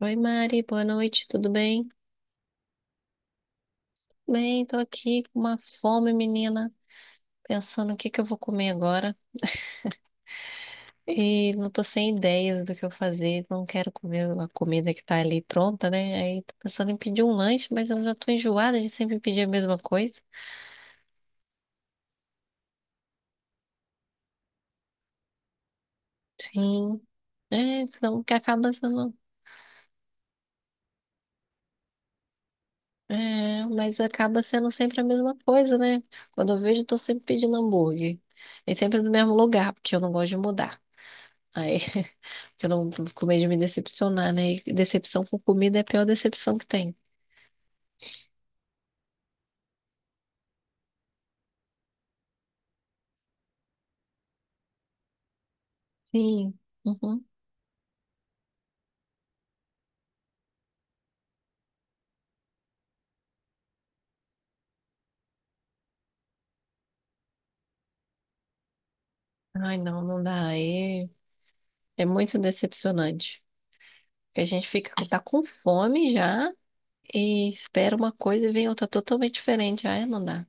Oi, Mari, boa noite, tudo bem? Bem, tô aqui com uma fome, menina, pensando o que eu vou comer agora. E não tô sem ideias do que eu fazer, não quero comer a comida que tá ali pronta, né? Aí tô pensando em pedir um lanche, mas eu já tô enjoada de sempre pedir a mesma coisa. Sim, é, senão que acaba sendo. É, mas acaba sendo sempre a mesma coisa, né? Quando eu vejo, eu tô sempre pedindo hambúrguer. E sempre do mesmo lugar, porque eu não gosto de mudar. Aí. Que eu não tô com medo de me decepcionar, né? E decepção com comida é a pior decepção que tem. Sim. Uhum. Ai, não, não dá. É. É muito decepcionante. Porque a gente fica, tá com fome já e espera uma coisa e vem outra totalmente diferente. Ai, não dá.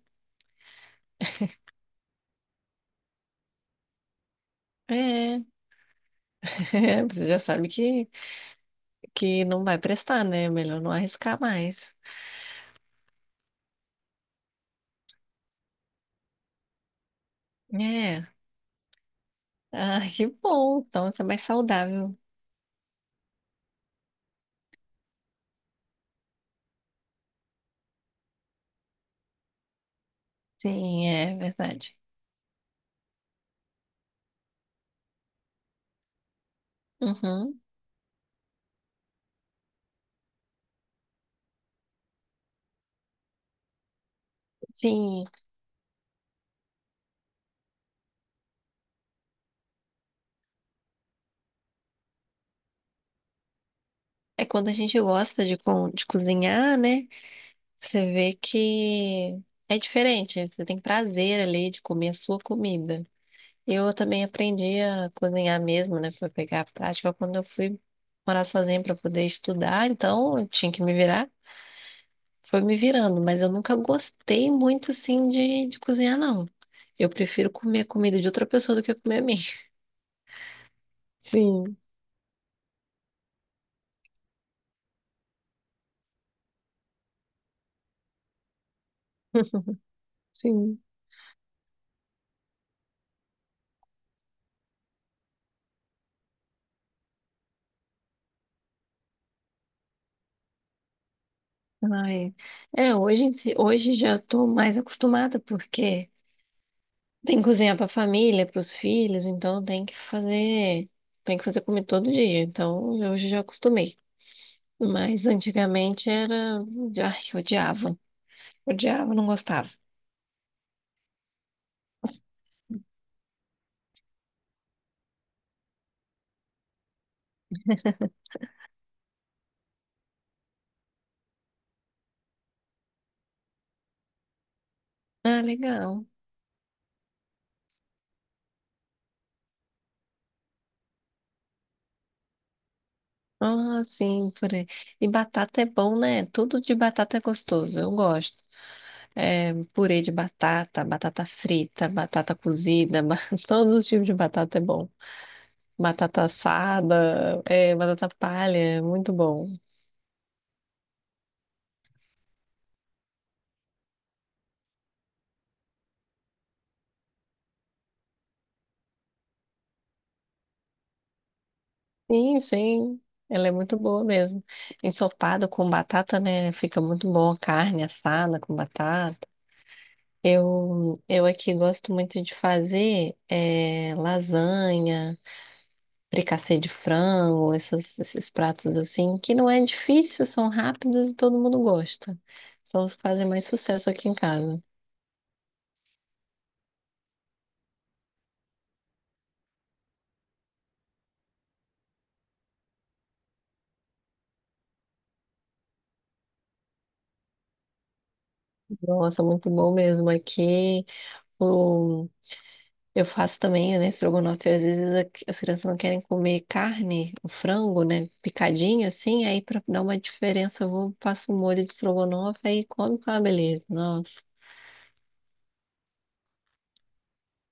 É, é, você já sabe que não vai prestar, né? Melhor não arriscar mais. É. Ah, que bom. Então, isso é mais saudável. Sim, é verdade. Uhum. Sim, é quando a gente gosta de, de cozinhar, né? Você vê que é diferente. Você tem prazer ali de comer a sua comida. Eu também aprendi a cozinhar mesmo, né? Pra pegar a prática quando eu fui morar sozinha para poder estudar. Então, eu tinha que me virar. Foi me virando, mas eu nunca gostei muito, sim, de cozinhar, não. Eu prefiro comer a comida de outra pessoa do que comer a minha. Sim, sim. Ai, é, hoje, hoje já estou mais acostumada, porque tem que cozinhar para a família, para os filhos, então tem que fazer comida todo dia. Então hoje eu já acostumei. Mas antigamente era, ai, eu odiava, odiava, não gostava. Ah, legal. Ah, sim, purê. E batata é bom, né? Tudo de batata é gostoso, eu gosto. É, purê de batata, batata frita, batata cozida, todos os tipos de batata é bom. Batata assada, é, batata palha, é muito bom. Sim, sim. Ela é muito boa mesmo. Ensopado com batata, né? Fica muito bom carne assada com batata. Eu aqui gosto muito de fazer lasanha, fricassê de frango, esses pratos assim, que não é difícil, são rápidos e todo mundo gosta. São os que fazem mais sucesso aqui em casa. Nossa, muito bom mesmo aqui. Eu faço também, né, estrogonofe. Às vezes as crianças não querem comer carne, o frango, né, picadinho assim. Aí pra dar uma diferença, eu vou, faço um molho de estrogonofe aí come com uma beleza. Nossa.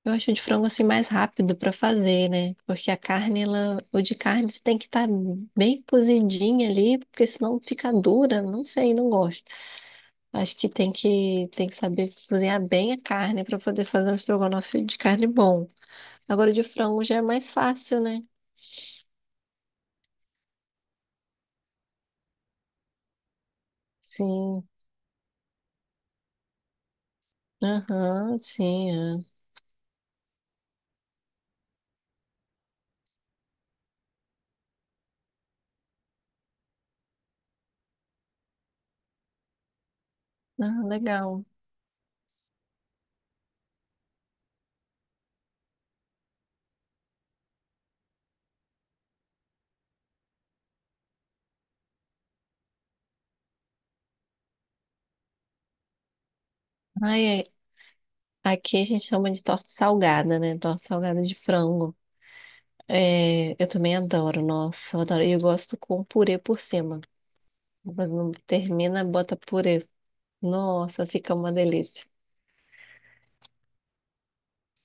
Eu acho o de frango assim mais rápido pra fazer, né? Porque a carne, ela, o de carne você tem que estar bem cozidinha ali, porque senão fica dura. Não sei, não gosto. Acho que tem que saber cozinhar bem a carne pra poder fazer um estrogonofe de carne bom. Agora o de frango já é mais fácil, né? Sim, aham, sim. É. Ah, legal. Ai, aqui a gente chama de torta salgada, né? Torta salgada de frango. É, eu também adoro, nossa, eu adoro. E eu gosto com purê por cima. Mas não termina, bota purê. Nossa, fica uma delícia.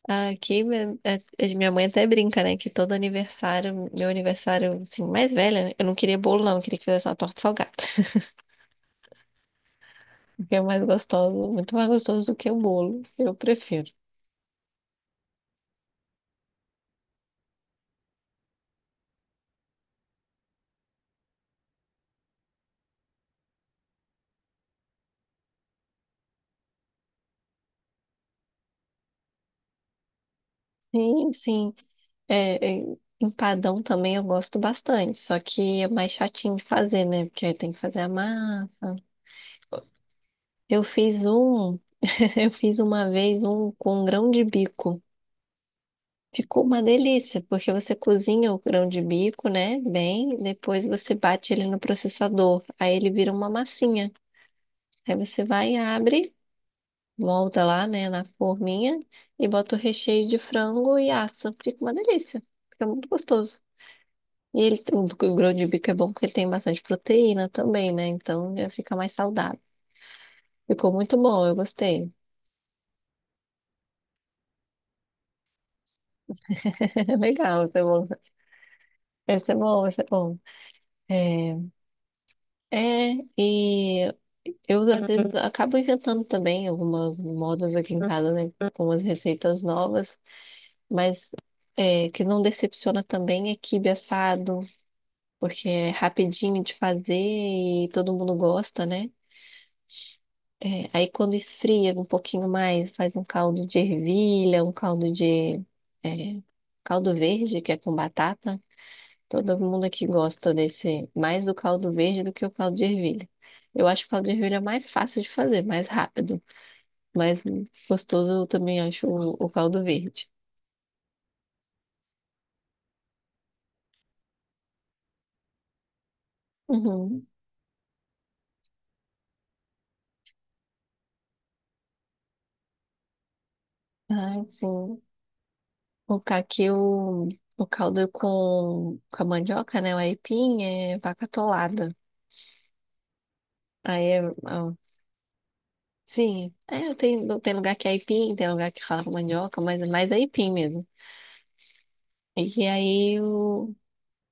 Aqui, minha minha mãe até brinca, né? Que todo aniversário, meu aniversário, assim, mais velha, né? Eu não queria bolo, não. Eu queria que fizesse uma torta salgada. Porque é mais gostoso, muito mais gostoso do que o bolo. Eu prefiro. Sim, sim. É, é, empadão também eu gosto bastante, só que é mais chatinho de fazer, né? Porque aí tem que fazer a massa. Eu fiz um, eu fiz uma vez um com grão de bico. Ficou uma delícia, porque você cozinha o grão de bico, né? Bem, depois você bate ele no processador, aí ele vira uma massinha. Aí você vai, abre, volta lá, né, na forminha e bota o recheio de frango e assa. Fica uma delícia. Fica muito gostoso. E ele, o grão de bico é bom porque ele tem bastante proteína também, né? Então já fica mais saudável. Ficou muito bom, eu gostei. Legal, esse é bom. Esse é bom, esse é bom. É, é, e eu às vezes acabo inventando também algumas modas aqui em casa, né? Algumas receitas novas, mas é, que não decepciona também é quibe assado, porque é rapidinho de fazer e todo mundo gosta, né? É, aí quando esfria um pouquinho mais, faz um caldo de ervilha, um caldo de é, caldo verde, que é com batata. Todo mundo aqui gosta desse, mais do caldo verde do que o caldo de ervilha. Eu acho o caldo de ervilha mais fácil de fazer, mais rápido, mais gostoso eu também acho o caldo verde. Uhum. Ah, sim. O caqui, o caldo com a mandioca, né? O aipim é vaca atolada. Aí sim. É, eu tenho, tem lugar que é aipim, tem lugar que fala com mandioca, mas é mais aipim mesmo. E aí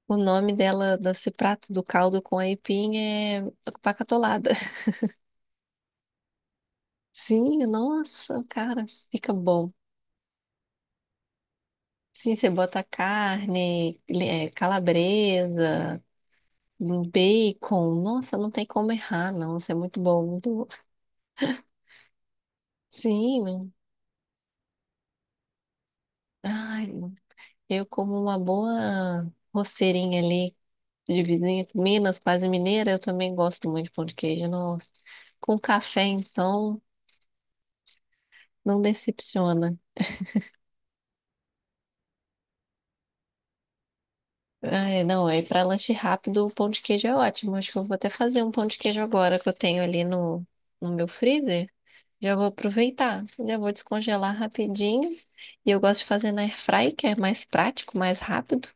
o nome dela, desse prato do caldo com aipim é pacatolada. Sim, nossa, cara, fica bom. Sim, você bota carne, é, calabresa, um bacon. Nossa, não tem como errar, não. Isso é muito bom, muito bom. Sim, ai, eu como uma boa roceirinha ali de vizinha, Minas, quase mineira, eu também gosto muito de pão de queijo. Nossa, com café, então, não decepciona. Ai, não, aí para lanche rápido, o pão de queijo é ótimo. Acho que eu vou até fazer um pão de queijo agora que eu tenho ali no, no meu freezer. Já vou aproveitar, já vou descongelar rapidinho. E eu gosto de fazer na airfry, que é mais prático, mais rápido.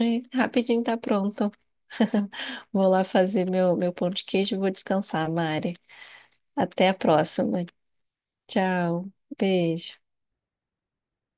E rapidinho tá pronto. Vou lá fazer meu, meu pão de queijo e vou descansar, Mari. Até a próxima. Tchau. Beijo.